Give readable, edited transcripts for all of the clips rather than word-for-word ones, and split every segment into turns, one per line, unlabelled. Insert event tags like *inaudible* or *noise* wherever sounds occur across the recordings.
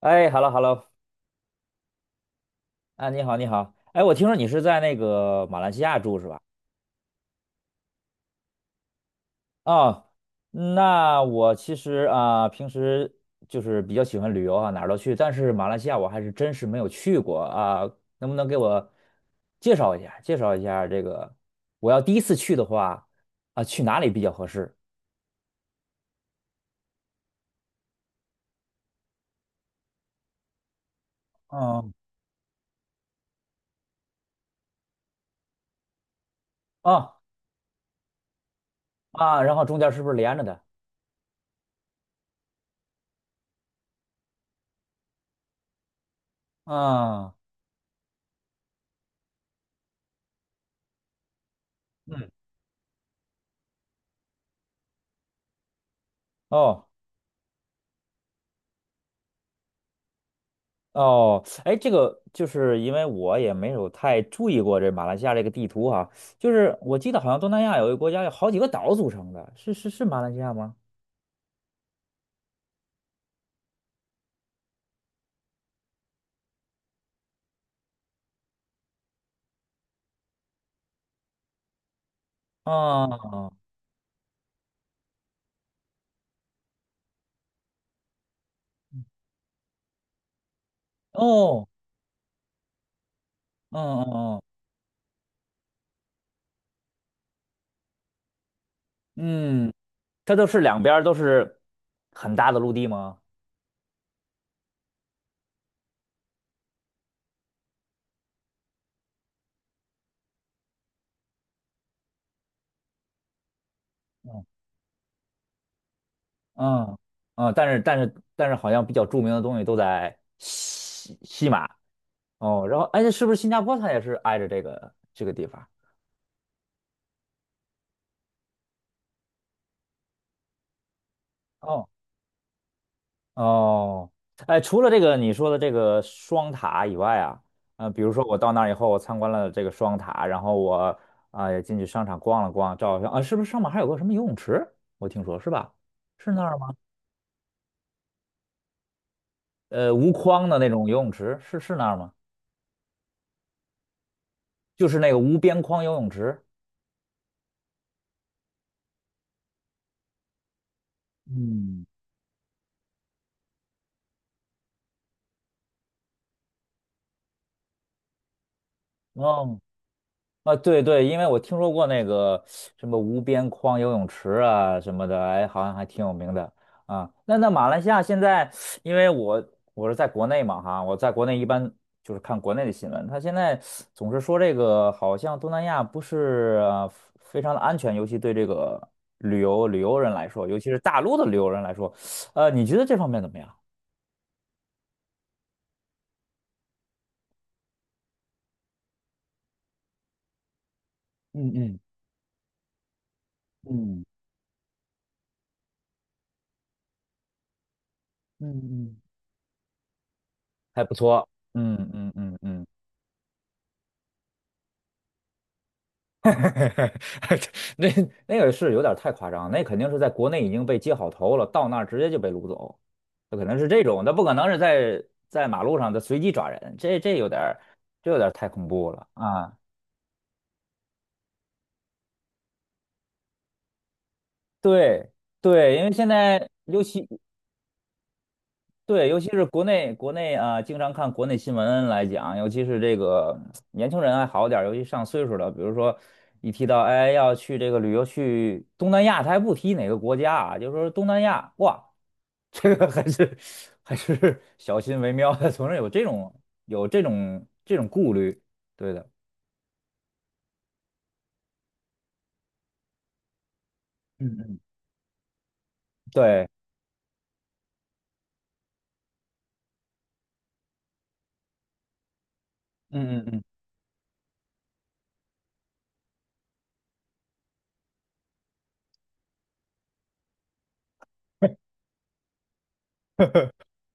哎，hello hello。啊，你好你好。哎，我听说你是在那个马来西亚住是吧？啊，那我其实平时就是比较喜欢旅游啊，哪儿都去，但是马来西亚我还是真是没有去过啊，能不能给我介绍一下这个，我要第一次去的话啊，去哪里比较合适？嗯啊，然后中间是不是连着的？啊。嗯。哦。哦，哎，这个就是因为我也没有太注意过这马来西亚这个地图哈，就是我记得好像东南亚有一个国家有好几个岛组成的，是马来西亚吗？啊。哦。嗯嗯嗯，嗯，它都是两边儿都是很大的陆地吗？嗯嗯嗯，但是好像比较著名的东西都在西马。哦，然后哎，是不是新加坡它也是挨着这个地方？哦。哦，哎，除了这个你说的这个双塔以外啊，比如说我到那儿以后，我参观了这个双塔，然后我也进去商场逛了逛，照了相啊，是不是上面还有个什么游泳池？我听说是吧？是那儿吗？无框的那种游泳池，是那儿吗？就是那个无边框游泳池。嗯，哦，啊，对对，因为我听说过那个什么无边框游泳池啊什么的，哎，好像还挺有名的啊。那马来西亚现在，因为我是在国内嘛哈，我在国内一般就是看国内的新闻，他现在总是说这个好像东南亚不是非常的安全，尤其对这个旅游人来说，尤其是大陆的旅游人来说，你觉得这方面怎么样？嗯嗯嗯嗯嗯，还不错，嗯嗯嗯嗯。*laughs* 那那个是有点太夸张，那肯定是在国内已经被接好头了，到那儿直接就被掳走，那可能是这种，那不可能是在马路上的随机抓人，这有点儿太恐怖了啊！对对，因为现在尤其是国内经常看国内新闻来讲，尤其是这个年轻人还好点儿，尤其上岁数的，比如说一提到哎要去这个旅游去东南亚，他还不提哪个国家啊，就说东南亚，哇，这个还是小心为妙的，总是有这种顾虑，对的，嗯嗯，对。嗯嗯嗯。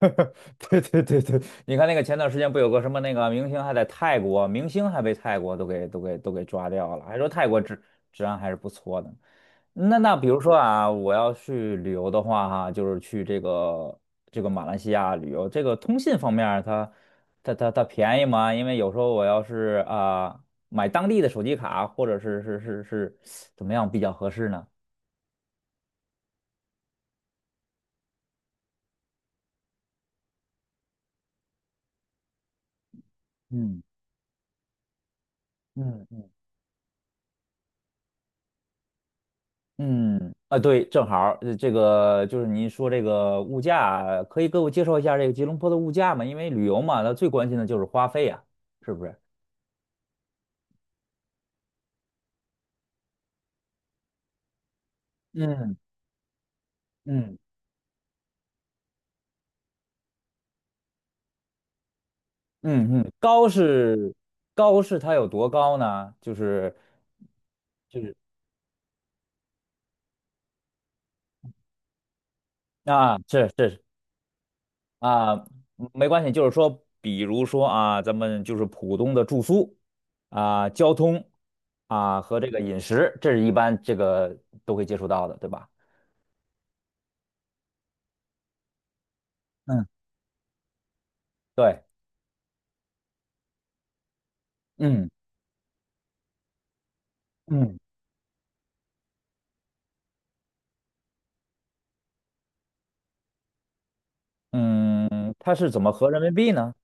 *laughs* 对对对对，你看那个前段时间不有个什么那个明星还在泰国，明星还被泰国都给抓掉了，还说泰国治安还是不错的。那比如说啊，我要去旅游的话哈，就是去这个马来西亚旅游，这个通信方面儿它便宜吗？因为有时候我要是买当地的手机卡，或者是怎么样比较合适呢？嗯嗯嗯，啊，对，正好儿这个就是您说这个物价，可以给我介绍一下这个吉隆坡的物价吗？因为旅游嘛，那最关心的就是花费呀，是不是？嗯嗯嗯嗯，高是它有多高呢？就是啊，是是啊，没关系，就是说，比如说啊，咱们就是普通的住宿啊、交通啊和这个饮食，这是一般这个都会接触到的，对吧？嗯，对，嗯。嗯嗯，它是怎么合人民币呢？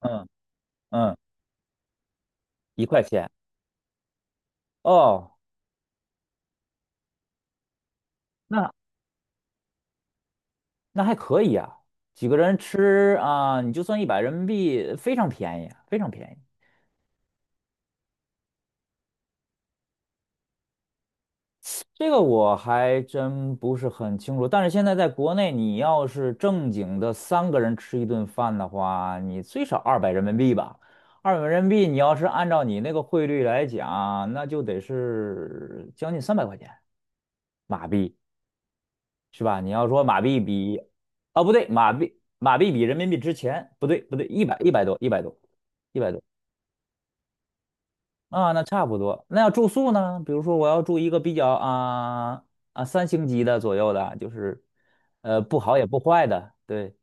嗯嗯，1块钱哦。那那还可以啊，几个人吃啊，你就算一百人民币，非常便宜，非常便宜。这个我还真不是很清楚，但是现在在国内，你要是正经的三个人吃一顿饭的话，你最少二百人民币吧。二百人民币，你要是按照你那个汇率来讲，那就得是将近300块钱马币。是吧？你要说马币比，啊不对，马币比人民币值钱，不对不对，一百多啊，那差不多。那要住宿呢？比如说我要住一个比较三星级的左右的，就是不好也不坏的，对。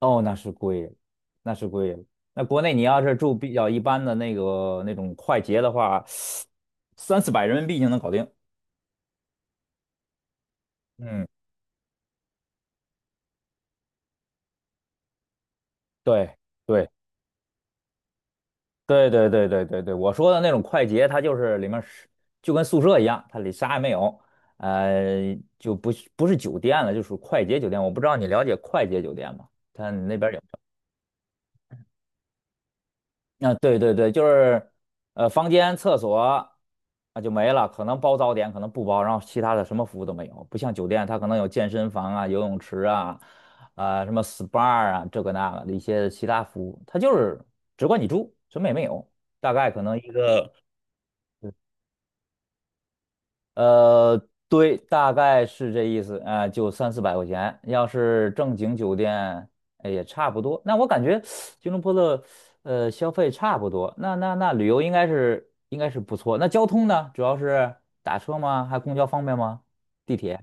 哦，那是贵了，那是贵了。那国内你要是住比较一般的那种快捷的话，三四百人民币就能搞定。嗯，对。对。对对对对对对，我说的那种快捷，它就是里面是就跟宿舍一样，它里啥也没有，就不是酒店了，就属于快捷酒店。我不知道你了解快捷酒店吗？它那边有没有啊，对对对，就是房间、厕所啊就没了，可能包早点，可能不包，然后其他的什么服务都没有。不像酒店，它可能有健身房啊、游泳池啊、什么 SPA 啊，这个那个的一些其他服务，它就是只管你住，什么也没有。大概可能呃，对，大概是这意思，就三四百块钱。要是正经酒店，哎，也差不多。那我感觉吉隆坡的消费差不多，那旅游应该是不错。那交通呢？主要是打车吗？还公交方便吗？地铁、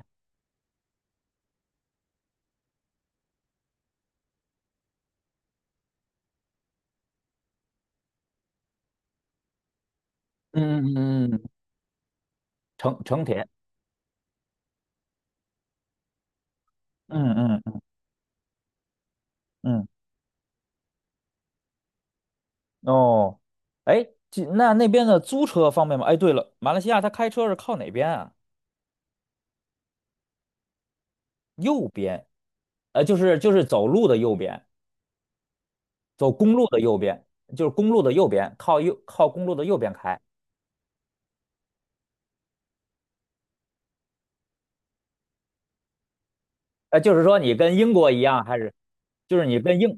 嗯嗯嗯嗯城铁？嗯嗯嗯嗯。哦，哎，那那边的租车方便吗？哎，对了，马来西亚他开车是靠哪边啊？右边，就是走路的右边。走公路的右边，就是公路的右边，靠右靠公路的右边开。就是说你跟英国一样，还是就是你跟英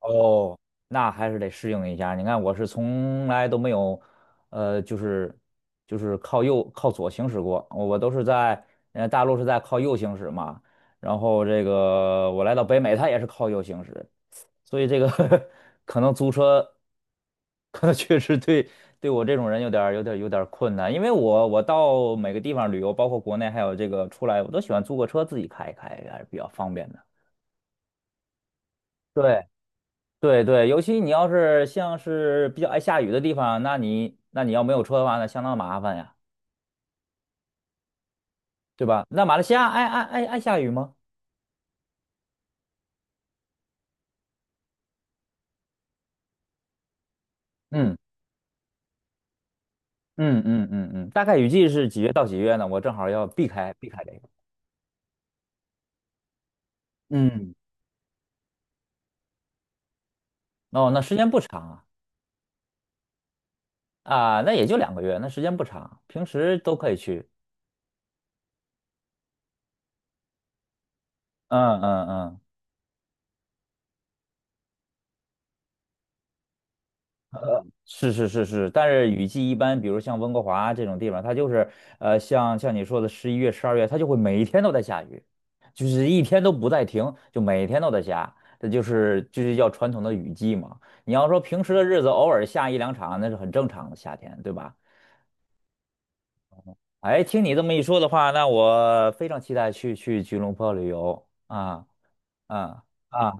哦，那还是得适应一下。你看，我是从来都没有，呃，就是就是靠右靠左行驶过，我都是大陆是在靠右行驶嘛。然后这个我来到北美，它也是靠右行驶，所以这个 *laughs* 可能租车 *laughs* 可能确实对我这种人有点儿困难，因为我到每个地方旅游，包括国内还有这个出来，我都喜欢租个车自己开一开，还是比较方便的。对对，对，尤其你要是像是比较爱下雨的地方，那你要没有车的话，那相当麻烦呀，对吧？那马来西亚爱下雨吗？嗯嗯嗯嗯嗯，大概雨季是几月到几月呢？我正好要避开这个。嗯，哦，那时间不长啊。啊，那也就2个月，那时间不长，平时都可以去。嗯嗯嗯，是是是是，但是雨季一般，比如像温哥华这种地方，它就是像你说的11月、12月，它就会每一天都在下雨，就是一天都不带停，就每天都在下，这就是叫传统的雨季嘛。你要说平时的日子偶尔下一两场，那是很正常的夏天，对吧？哎，听你这么一说的话，那我非常期待去吉隆坡旅游啊啊啊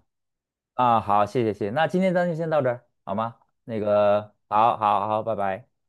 啊！好，谢谢谢谢，那今天咱就先到这儿好吗？那个，好好好，拜拜。